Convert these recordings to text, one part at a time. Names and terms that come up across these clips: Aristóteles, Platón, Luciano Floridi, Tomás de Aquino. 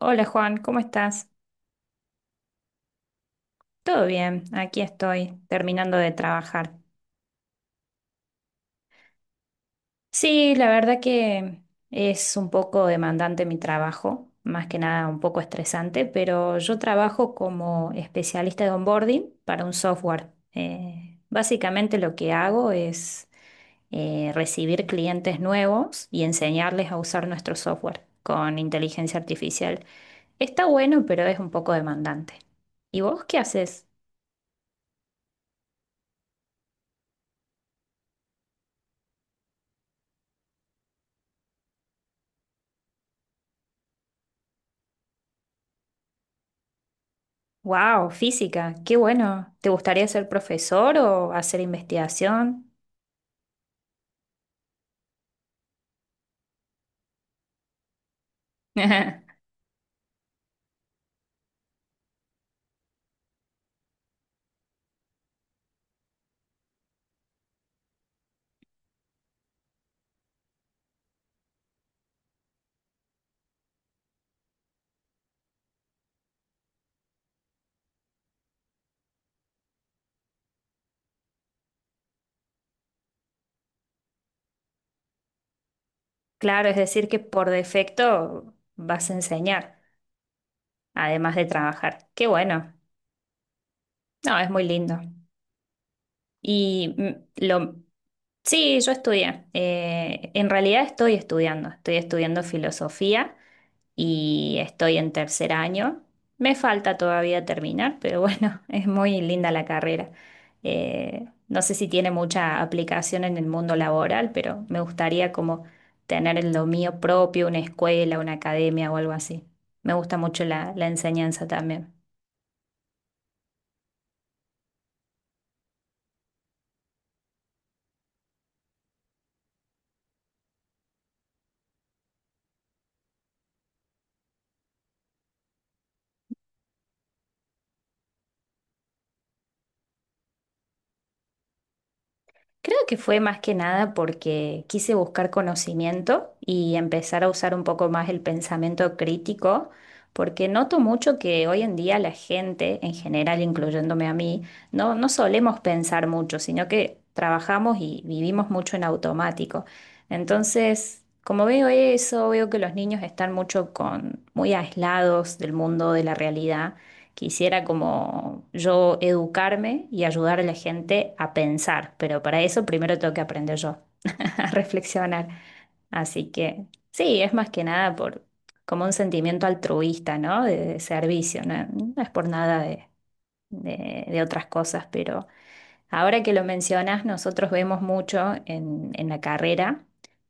Hola, Juan, ¿cómo estás? Todo bien, aquí estoy terminando de trabajar. Sí, la verdad que es un poco demandante mi trabajo, más que nada un poco estresante, pero yo trabajo como especialista de onboarding para un software. Básicamente lo que hago es recibir clientes nuevos y enseñarles a usar nuestro software con inteligencia artificial. Está bueno, pero es un poco demandante. ¿Y vos qué haces? Wow, física, qué bueno. ¿Te gustaría ser profesor o hacer investigación? Claro, es decir, que por defecto vas a enseñar, además de trabajar. Qué bueno. No, es muy lindo. Y lo, sí, yo estudié. En realidad estoy estudiando. Estoy estudiando filosofía y estoy en tercer año. Me falta todavía terminar, pero bueno, es muy linda la carrera. No sé si tiene mucha aplicación en el mundo laboral, pero me gustaría como tener lo mío propio, una escuela, una academia o algo así. Me gusta mucho la enseñanza también. Creo que fue más que nada porque quise buscar conocimiento y empezar a usar un poco más el pensamiento crítico, porque noto mucho que hoy en día la gente, en general, incluyéndome a mí, no, no solemos pensar mucho, sino que trabajamos y vivimos mucho en automático. Entonces, como veo eso, veo que los niños están mucho con, muy aislados del mundo, de la realidad. Quisiera como yo educarme y ayudar a la gente a pensar, pero para eso primero tengo que aprender yo a reflexionar. Así que sí, es más que nada por como un sentimiento altruista, ¿no? De servicio, ¿no? No es por nada de otras cosas, pero ahora que lo mencionas, nosotros vemos mucho en la carrera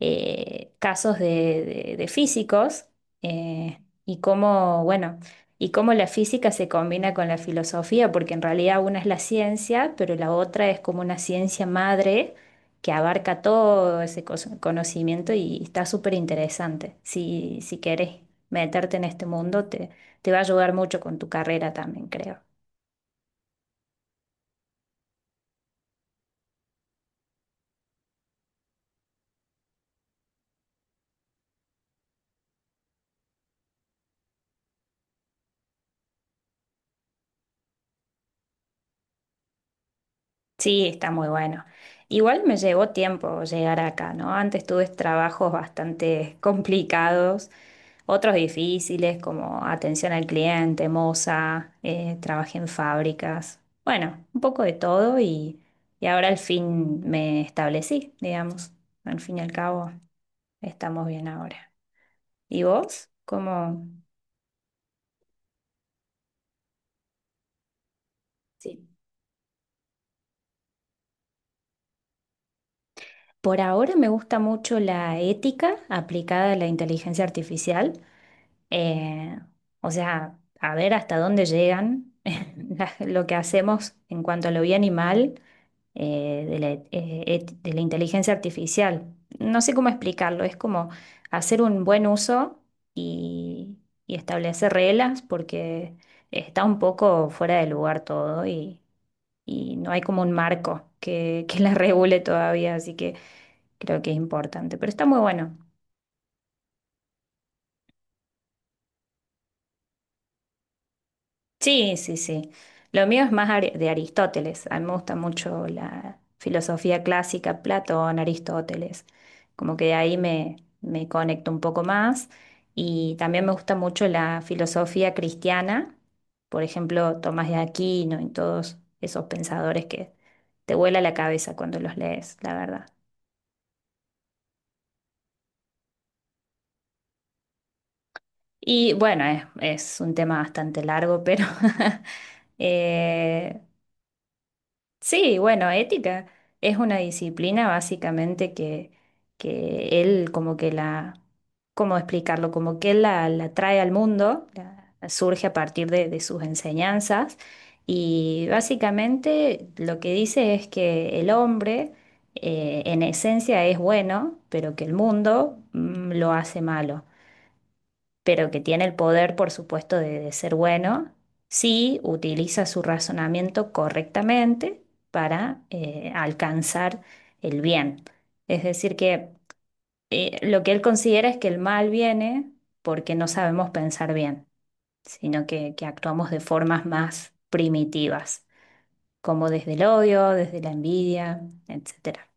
casos de físicos, eh, y cómo, bueno, y cómo la física se combina con la filosofía, porque en realidad una es la ciencia, pero la otra es como una ciencia madre que abarca todo ese conocimiento y está súper interesante. Si, si querés meterte en este mundo, te va a ayudar mucho con tu carrera también, creo. Sí, está muy bueno. Igual me llevó tiempo llegar acá, ¿no? Antes tuve trabajos bastante complicados, otros difíciles como atención al cliente, moza, trabajé en fábricas, bueno, un poco de todo y ahora al fin me establecí, digamos. Al fin y al cabo, estamos bien ahora. ¿Y vos? ¿Cómo? Sí. Por ahora me gusta mucho la ética aplicada a la inteligencia artificial. Eh, o sea, a ver hasta dónde llegan lo que hacemos en cuanto a lo bien y mal, de la, de la inteligencia artificial. No sé cómo explicarlo, es como hacer un buen uso y, y establecer reglas porque está un poco fuera de lugar todo y no hay como un marco que, que la regule todavía, así que creo que es importante. Pero está muy bueno. Sí, sí, sí. Lo mío es más de Aristóteles. A mí me gusta mucho la filosofía clásica, Platón, Aristóteles. Como que ahí me conecto un poco más. Y también me gusta mucho la filosofía cristiana, por ejemplo, Tomás de Aquino y todos esos pensadores que te vuela la cabeza cuando los lees, la verdad. Y bueno, es un tema bastante largo, pero eh, sí, bueno, ética es una disciplina básicamente que él como que la, ¿cómo explicarlo? Como que él la, la trae al mundo, surge a partir de sus enseñanzas y básicamente lo que dice es que el hombre, en esencia, es bueno, pero que el mundo lo hace malo, pero que tiene el poder, por supuesto, de ser bueno, si utiliza su razonamiento correctamente para alcanzar el bien. Es decir, que lo que él considera es que el mal viene porque no sabemos pensar bien, sino que actuamos de formas más primitivas, como desde el odio, desde la envidia, etcétera.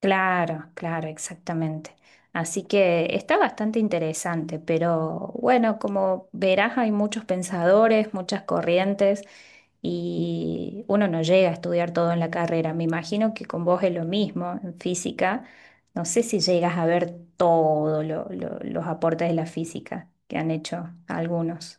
Claro, claro, exactamente. Así que está bastante interesante, pero bueno, como verás, hay muchos pensadores, muchas corrientes y uno no llega a estudiar todo en la carrera. Me imagino que con vos es lo mismo en física. No sé si llegas a ver todos los aportes de la física que han hecho algunos.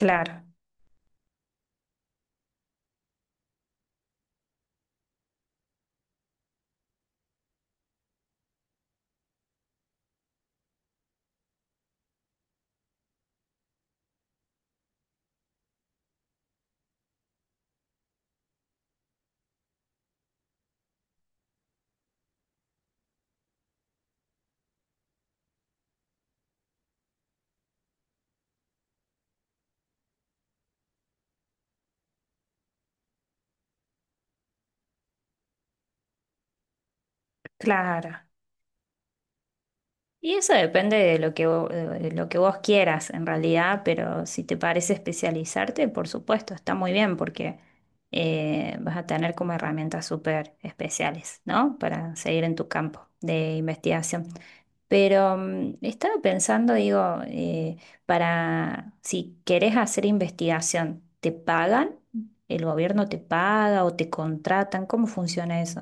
Claro, claro. Y eso depende de lo que, de lo que vos quieras en realidad, pero si te parece especializarte, por supuesto, está muy bien porque vas a tener como herramientas súper especiales, ¿no? Para seguir en tu campo de investigación. Pero estaba pensando, digo, para si querés hacer investigación, ¿te pagan? ¿El gobierno te paga o te contratan? ¿Cómo funciona eso?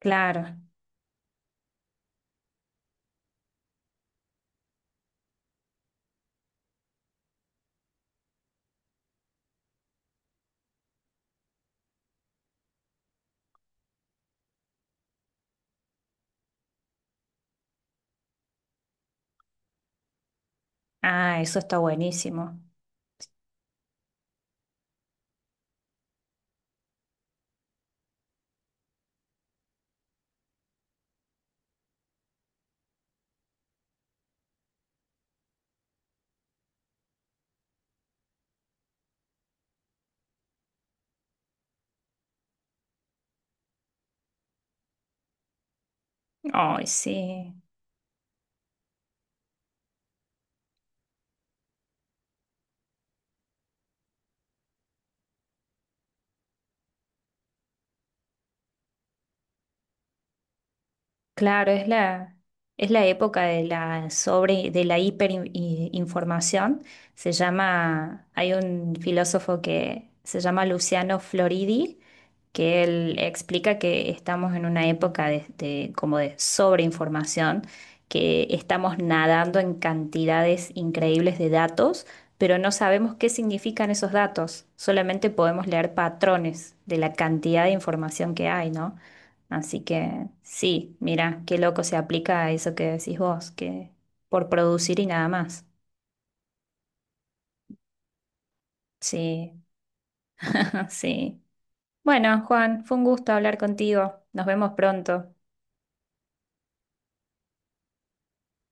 Claro. Ah, eso está buenísimo. Ay, sí. Claro, es la época de la sobre, de la hiperinformación. Se llama, hay un filósofo que se llama Luciano Floridi, que él explica que estamos en una época de, como de sobreinformación, que estamos nadando en cantidades increíbles de datos, pero no sabemos qué significan esos datos. Solamente podemos leer patrones de la cantidad de información que hay, ¿no? Así que sí, mira, qué loco se aplica a eso que decís vos, que por producir y nada más. Sí, sí. Bueno, Juan, fue un gusto hablar contigo. Nos vemos pronto.